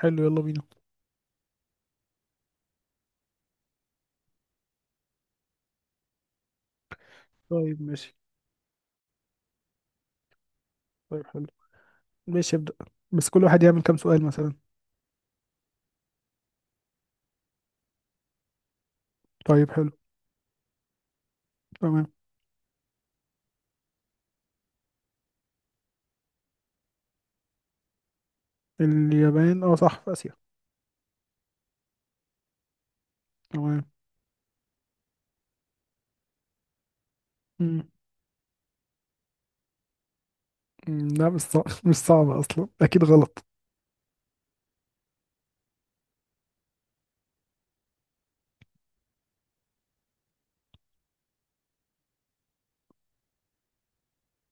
حلو، يلا بينا. طيب ماشي. طيب حلو. ماشي، ابدأ. بس كل واحد يعمل كام سؤال مثلا؟ طيب حلو. تمام. اليابان اه صح، في آسيا. تمام. مم. مم، لا مش صعب مش صعبة أصلا، أكيد غلط.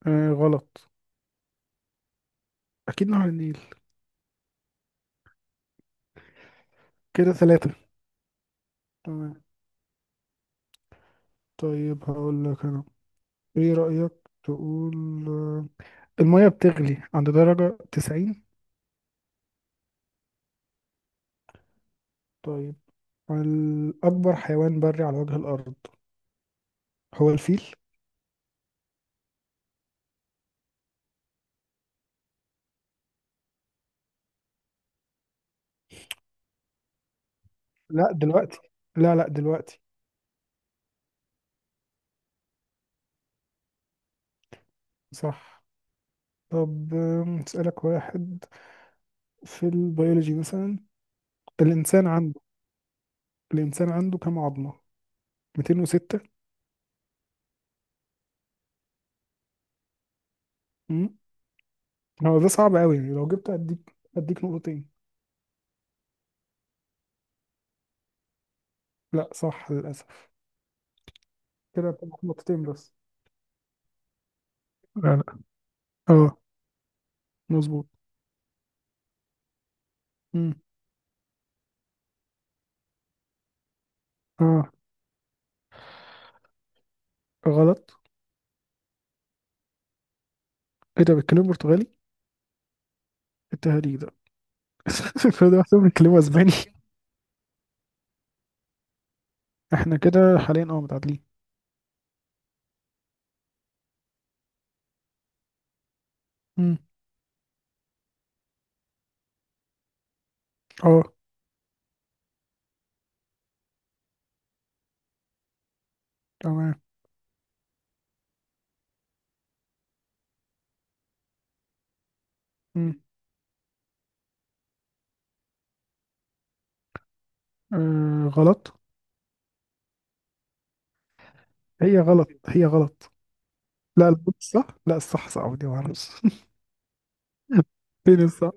آه غلط. أكيد نهر النيل. كده ثلاثة. تمام. طيب هقول لك أنا. إيه رأيك تقول آه، المية بتغلي عند درجة تسعين؟ طيب. الأكبر حيوان بري على وجه الأرض هو الفيل. لا دلوقتي. لا لا، دلوقتي. صح. طب أسألك واحد في البيولوجي مثلا. الإنسان عنده الإنسان عنده كام عظمة؟ 206. مم. هو ده صعب قوي يعني، لو جبت أديك نقطتين. لا صح للأسف. كده هتبقى نقطتين بس. لا لا. اه. مظبوط. مم. اه غلط. ايه ده، بيتكلموا برتغالي؟ التهريج ده كل ده محسوب، بيتكلموا اسباني. احنا كده حاليا اه متعادلين. مم. اه. تمام. مم. آه غلط. هي غلط، هي غلط. لا لا الصح، لا الصح سعودي، معرفش. فين الصح.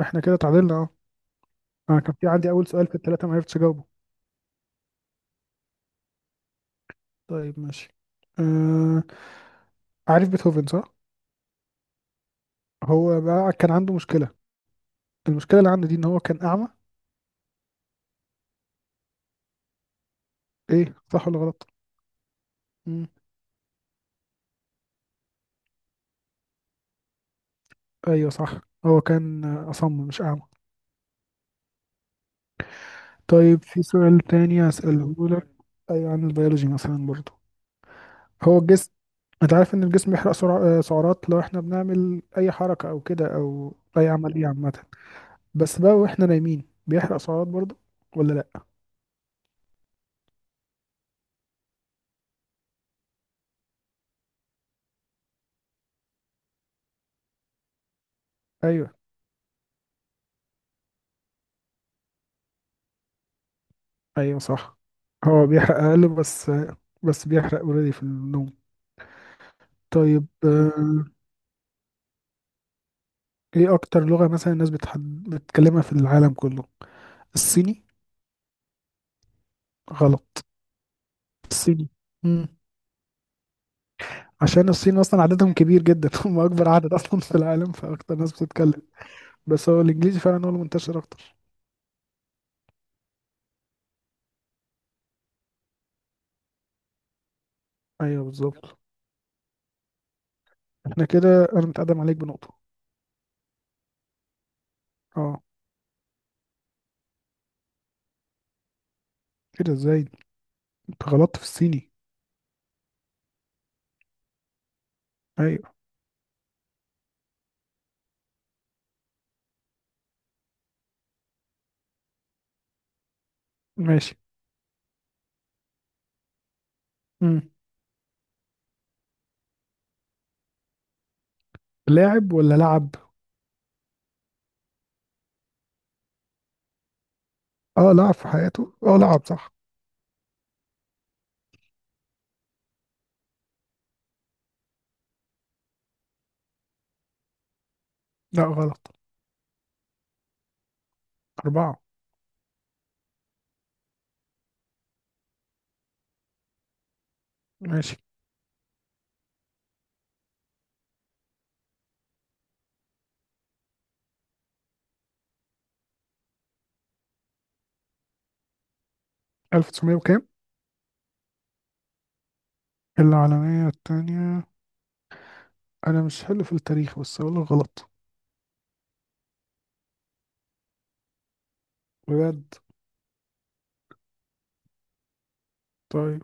احنا كده اتعادلنا اهو. انا كان في عندي اول سؤال في الثلاثه ما عرفتش اجاوبه. طيب ماشي. آه... عارف بيتهوفن صح. هو بقى كان عنده مشكله، المشكله اللي عنده دي ان هو كان اعمى. ايه، صح ولا غلط؟ مم. ايوه صح. هو كان اصم مش اعمى. طيب في سؤال تاني هسأله لك، ايوه عن البيولوجي مثلا برضو. هو الجسم انت عارف ان الجسم بيحرق سعرات لو احنا بنعمل اي حركه او كده، او اي عمليه عامه. بس بقى واحنا نايمين بيحرق سعرات برضه ولا لا؟ ايوه. ايوه صح. هو بيحرق اقل بس. بس بيحرق اوريدي في النوم. طيب ايه اكتر لغة مثلا الناس بتتكلمها في العالم كله؟ الصيني. غلط. الصيني. مم. عشان الصين اصلا عددهم كبير جدا هم اكبر عدد اصلا في العالم، فاكتر ناس بتتكلم. بس هو الانجليزي فعلا هو المنتشر اكتر. ايوه بالظبط. احنا كده انا متقدم عليك بنقطة. اه. كده ازاي؟ انت غلطت في الصيني. ايوه. ماشي. مم. لاعب ولا لعب؟ اه لعب في حياته، اه لعب، صح. لا غلط. أربعة. ماشي. 1900 وكام؟ العالمية التانية. أنا مش حلو في التاريخ، بس أقول لك غلط. بجد. طيب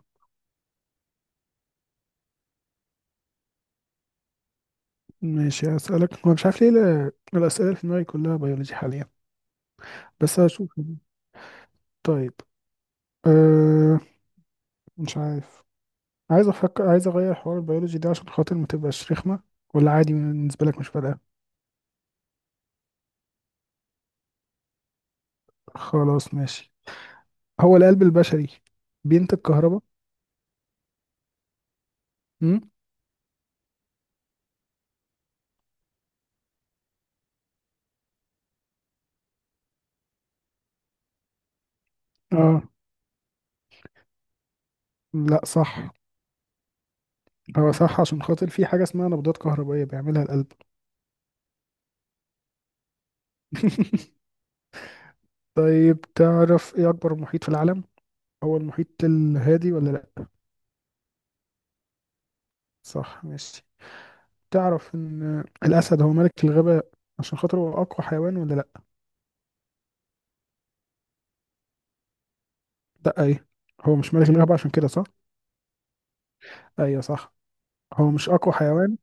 ماشي، هسألك. هو مش عارف ليه الأسئلة اللي في دماغي كلها بيولوجي حاليا. بس هشوف. طيب. أه مش عارف. عايز أفكر، عايز أغير حوار البيولوجي ده عشان خاطر ما تبقاش رخمة، ولا عادي بالنسبة لك مش فارقة؟ خلاص ماشي. هو القلب البشري بينتج كهرباء؟ امم. اه. لا صح. هو صح عشان خاطر في حاجة اسمها نبضات كهربائية بيعملها القلب. طيب، تعرف ايه أكبر محيط في العالم؟ هو المحيط الهادي ولا لأ؟ صح، ماشي. تعرف إن الأسد هو ملك الغابة عشان خاطر هو أقوى حيوان ولا لأ؟ لأ إيه، هو مش ملك الغابة عشان كده صح؟ أيوه صح. هو مش أقوى حيوان.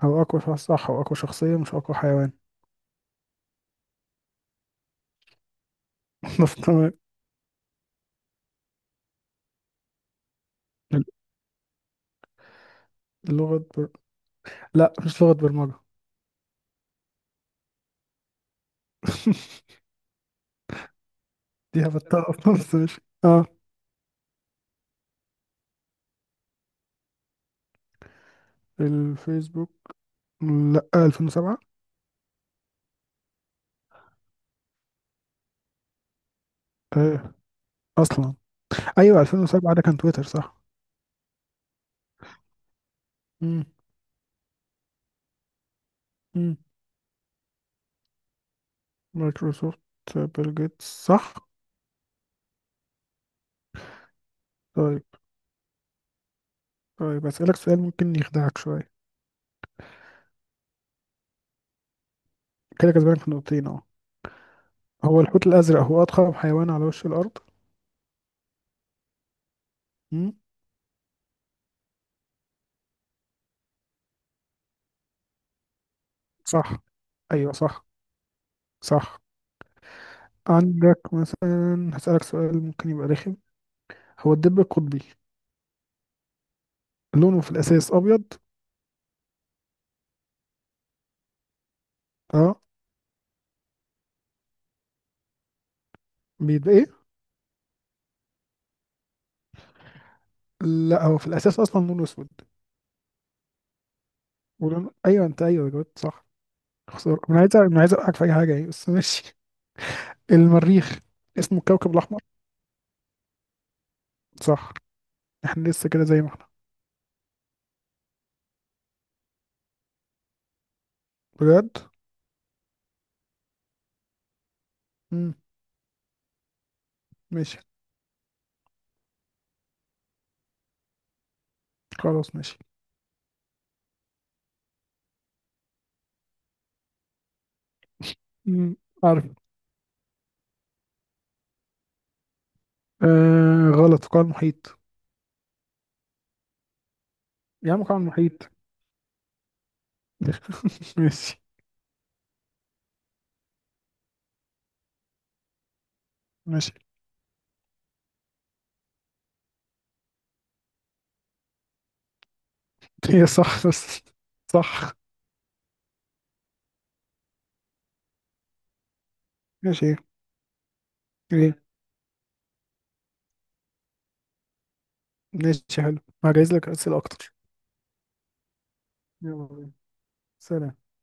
هو أقوى شخص صح، هو أقوى شخصية مش أقوى حيوان. بس تمام. لغة بر... لأ مش لغة برمجة. دي هبتها أصلا، بس ماشي أه. الفيسبوك، لا 2007. ايه اصلا. ايوه 2007 ده كان تويتر صح. امم. امم. مايكروسوفت، بيل جيتس صح. طيب. طيب اسالك سؤال ممكن يخدعك شويه. كده كسبانك في نقطتين اهو. هو الحوت الازرق هو اضخم حيوان على وش الارض. امم. صح. ايوه صح. صح. عندك مثلا، هسالك سؤال ممكن يبقى رخم. هو الدب القطبي لونه في الاساس ابيض. اه. بيبقى ايه؟ لا هو في الاساس اصلا لونه اسود. ولونه ايوه، انت ايوه جاوبت صح. خسارة، أنا عايز أوقعك في أي حاجة يعني، بس ماشي. المريخ اسمه الكوكب الأحمر صح. احنا لسه كده زي ما احنا. بجد. مم. ماشي. خلاص ماشي. مم. عارف. آه غلط، قاع المحيط. يا عم قاع المحيط. ماشي. ماشي. هي صح بس. صح. ماشي. ايه، ماشي حلو. هجهز لك أسئلة أكتر. يلا بينا. سلام.